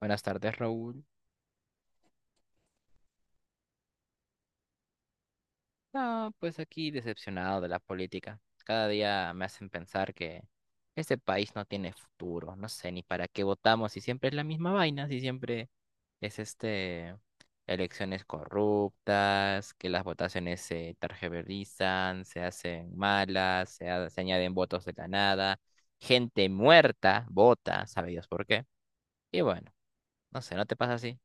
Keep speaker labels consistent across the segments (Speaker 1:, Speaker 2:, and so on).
Speaker 1: Buenas tardes, Raúl. No, pues aquí decepcionado de la política. Cada día me hacen pensar que este país no tiene futuro. No sé ni para qué votamos si siempre es la misma vaina, si siempre es elecciones corruptas, que las votaciones se targiversan, se hacen malas, se añaden votos de la nada, gente muerta vota, sabe Dios por qué. Y bueno, no sé, ¿no te pasa así?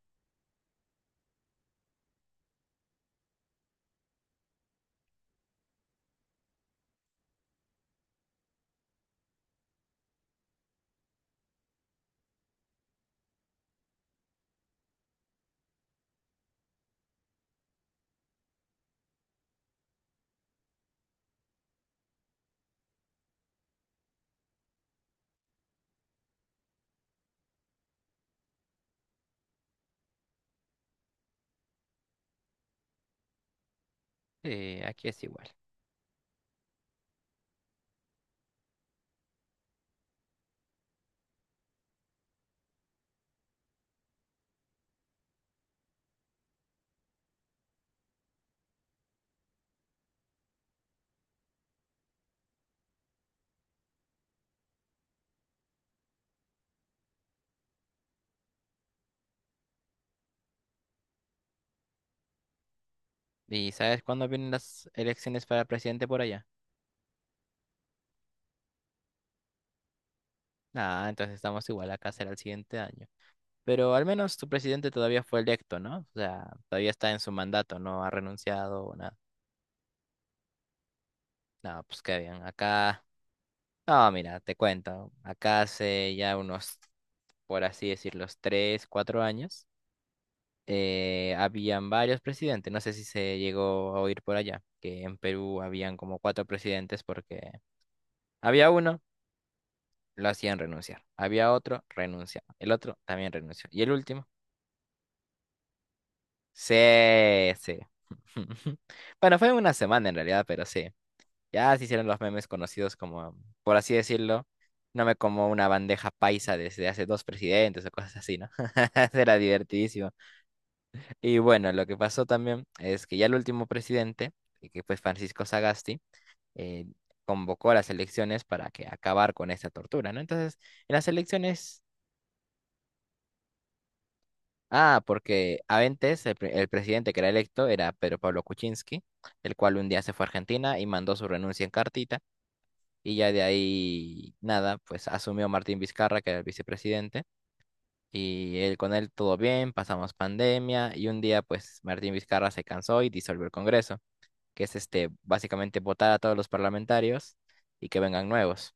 Speaker 1: Sí, aquí es igual. ¿Y sabes cuándo vienen las elecciones para presidente por allá? Ah, entonces estamos igual, acá será el siguiente año. Pero al menos tu presidente todavía fue electo, ¿no? O sea, todavía está en su mandato, no ha renunciado o nada. No, pues qué bien. Acá, no, mira, te cuento. Acá hace ya unos, por así decirlo, tres, cuatro años, habían varios presidentes. No sé si se llegó a oír por allá, que en Perú habían como cuatro presidentes porque había uno. Lo hacían renunciar. Había otro, renunciaba. El otro también renunció. Y el último, sí, sí. Bueno, fue una semana en realidad, pero sí. Ya se hicieron los memes conocidos como, por así decirlo, no me como una bandeja paisa desde hace dos presidentes o cosas así, ¿no? Era divertidísimo. Y bueno, lo que pasó también es que ya el último presidente, y que fue Francisco Sagasti, eh, convocó a las elecciones para que acabar con esta tortura, ¿no? Entonces, en las elecciones. Ah, porque antes el presidente que era electo era Pedro Pablo Kuczynski, el cual un día se fue a Argentina y mandó su renuncia en cartita, y ya de ahí nada, pues asumió Martín Vizcarra, que era el vicepresidente, y él con él todo bien, pasamos pandemia, y un día pues Martín Vizcarra se cansó y disolvió el Congreso, que es básicamente votar a todos los parlamentarios y que vengan nuevos.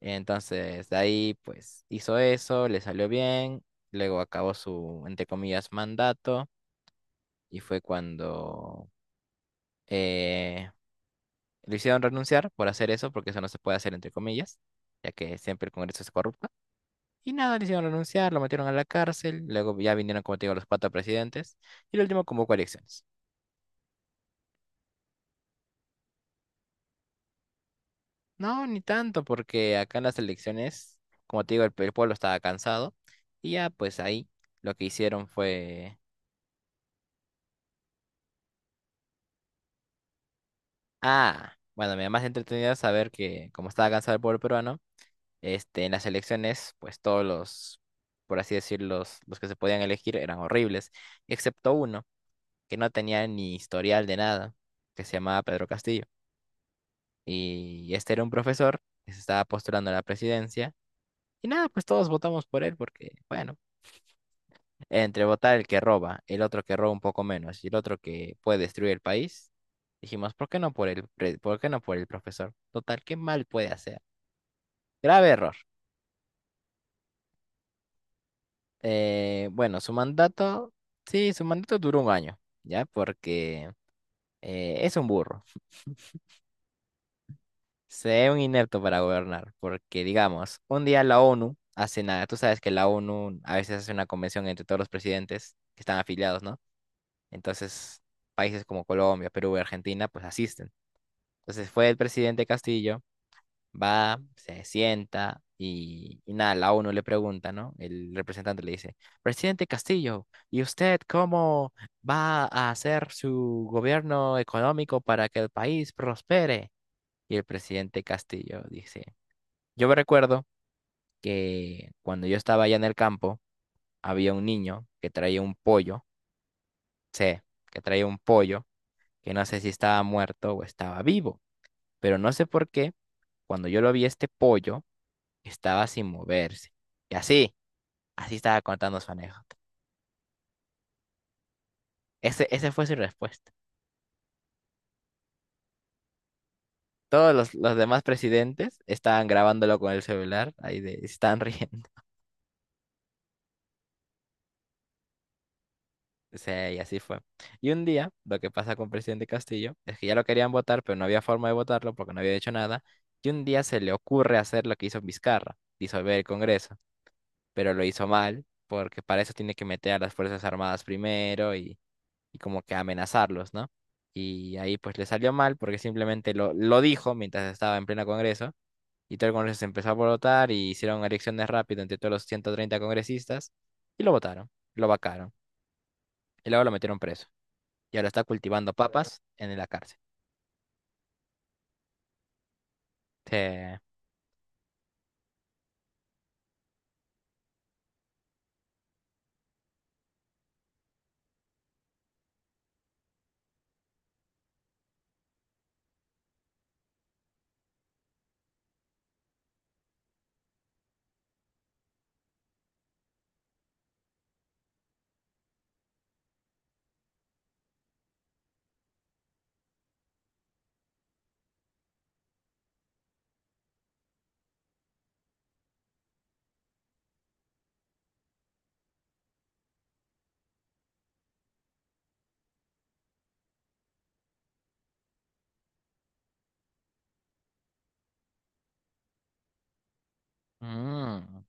Speaker 1: Entonces, de ahí pues hizo eso, le salió bien, luego acabó su, entre comillas, mandato, y fue cuando eh, lo hicieron renunciar por hacer eso, porque eso no se puede hacer entre comillas, ya que siempre el Congreso es corrupto. Y nada, le hicieron renunciar, lo metieron a la cárcel, luego ya vinieron, como te digo, los cuatro presidentes, y el último convocó elecciones. No, ni tanto, porque acá en las elecciones, como te digo, el pueblo estaba cansado, y ya pues ahí lo que hicieron fue... Ah, bueno, me da más entretenido saber que como estaba cansado el pueblo peruano, en las elecciones, pues todos los, por así decirlo, los que se podían elegir eran horribles, excepto uno que no tenía ni historial de nada, que se llamaba Pedro Castillo. Y este era un profesor que se estaba postulando a la presidencia. Y nada, pues todos votamos por él porque, bueno, entre votar el que roba, el otro que roba un poco menos y el otro que puede destruir el país, dijimos, ¿por qué no por por qué no por el profesor? Total, ¿qué mal puede hacer? Grave error. Bueno, su mandato, sí, su mandato duró 1 año, ¿ya? Porque es un burro, se ve un inepto para gobernar, porque digamos, un día la ONU hace nada, tú sabes que la ONU a veces hace una convención entre todos los presidentes que están afiliados, ¿no? Entonces, países como Colombia, Perú y Argentina, pues asisten. Entonces fue el presidente Castillo. Va, se sienta y nada, la ONU le pregunta, ¿no? El representante le dice, presidente Castillo, ¿y usted cómo va a hacer su gobierno económico para que el país prospere? Y el presidente Castillo dice, yo me recuerdo que cuando yo estaba allá en el campo, había un niño que traía un pollo, sé, que traía un pollo, que no sé si estaba muerto o estaba vivo, pero no sé por qué, cuando yo lo vi este pollo, estaba sin moverse. Y así, así estaba contando su anécdota. Ese fue su respuesta. Todos los demás presidentes estaban grabándolo con el celular, ahí de, estaban riendo. O sea, y así fue. Y un día, lo que pasa con el presidente Castillo es que ya lo querían votar, pero no había forma de votarlo porque no había hecho nada. Y un día se le ocurre hacer lo que hizo Vizcarra, disolver el Congreso, pero lo hizo mal porque para eso tiene que meter a las Fuerzas Armadas primero y como que amenazarlos, ¿no? Y ahí pues le salió mal porque simplemente lo dijo mientras estaba en pleno Congreso y todo el Congreso se empezó a votar y hicieron elecciones rápidas entre todos los 130 congresistas y lo votaron, lo vacaron y luego lo metieron preso y ahora está cultivando papas en la cárcel. Te- Mm.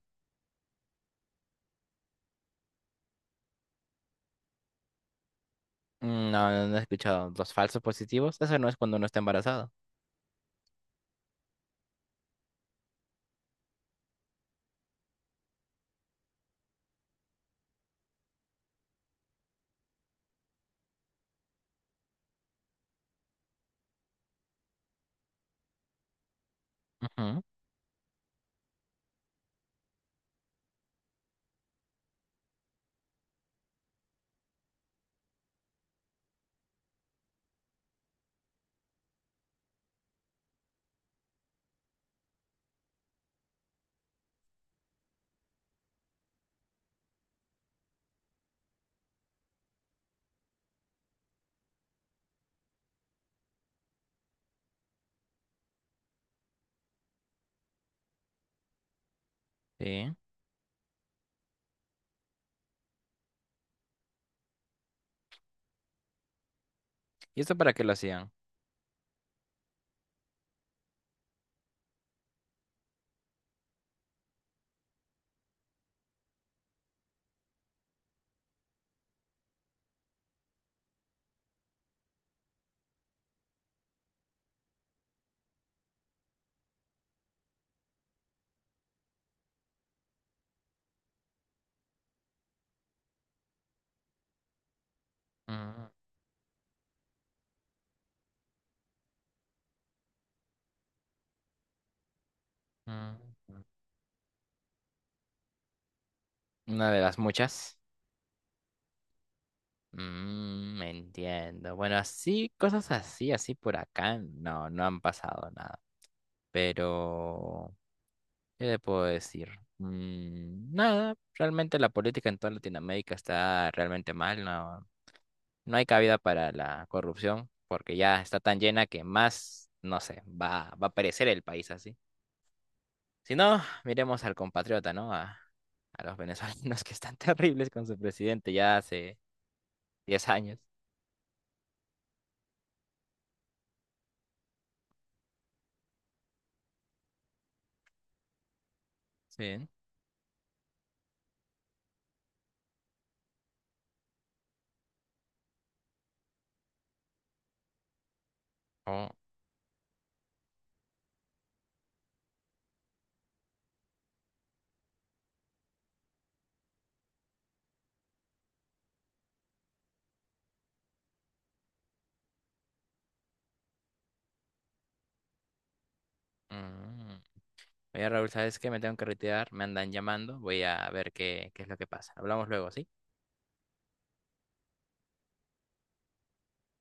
Speaker 1: No, no he escuchado los falsos positivos. Eso no es cuando uno está embarazado. Ujú, sí. ¿Y esto para qué lo hacían? Mm, mm, mm. Una de las muchas. Me entiendo. Bueno, así, cosas así, así por acá, no, no han pasado nada. Pero, ¿qué le puedo decir? Nada, realmente la política en toda Latinoamérica está realmente mal, no, no hay cabida para la corrupción, porque ya está tan llena que más, no sé, va a perecer el país así. Si no, miremos al compatriota, ¿no? A los venezolanos que están terribles con su presidente ya hace 10 años. Sí. Oh, mm. Oye, Raúl, ¿sabes qué? Me tengo que retirar, me andan llamando, voy a ver qué, qué es lo que pasa. Hablamos luego, ¿sí?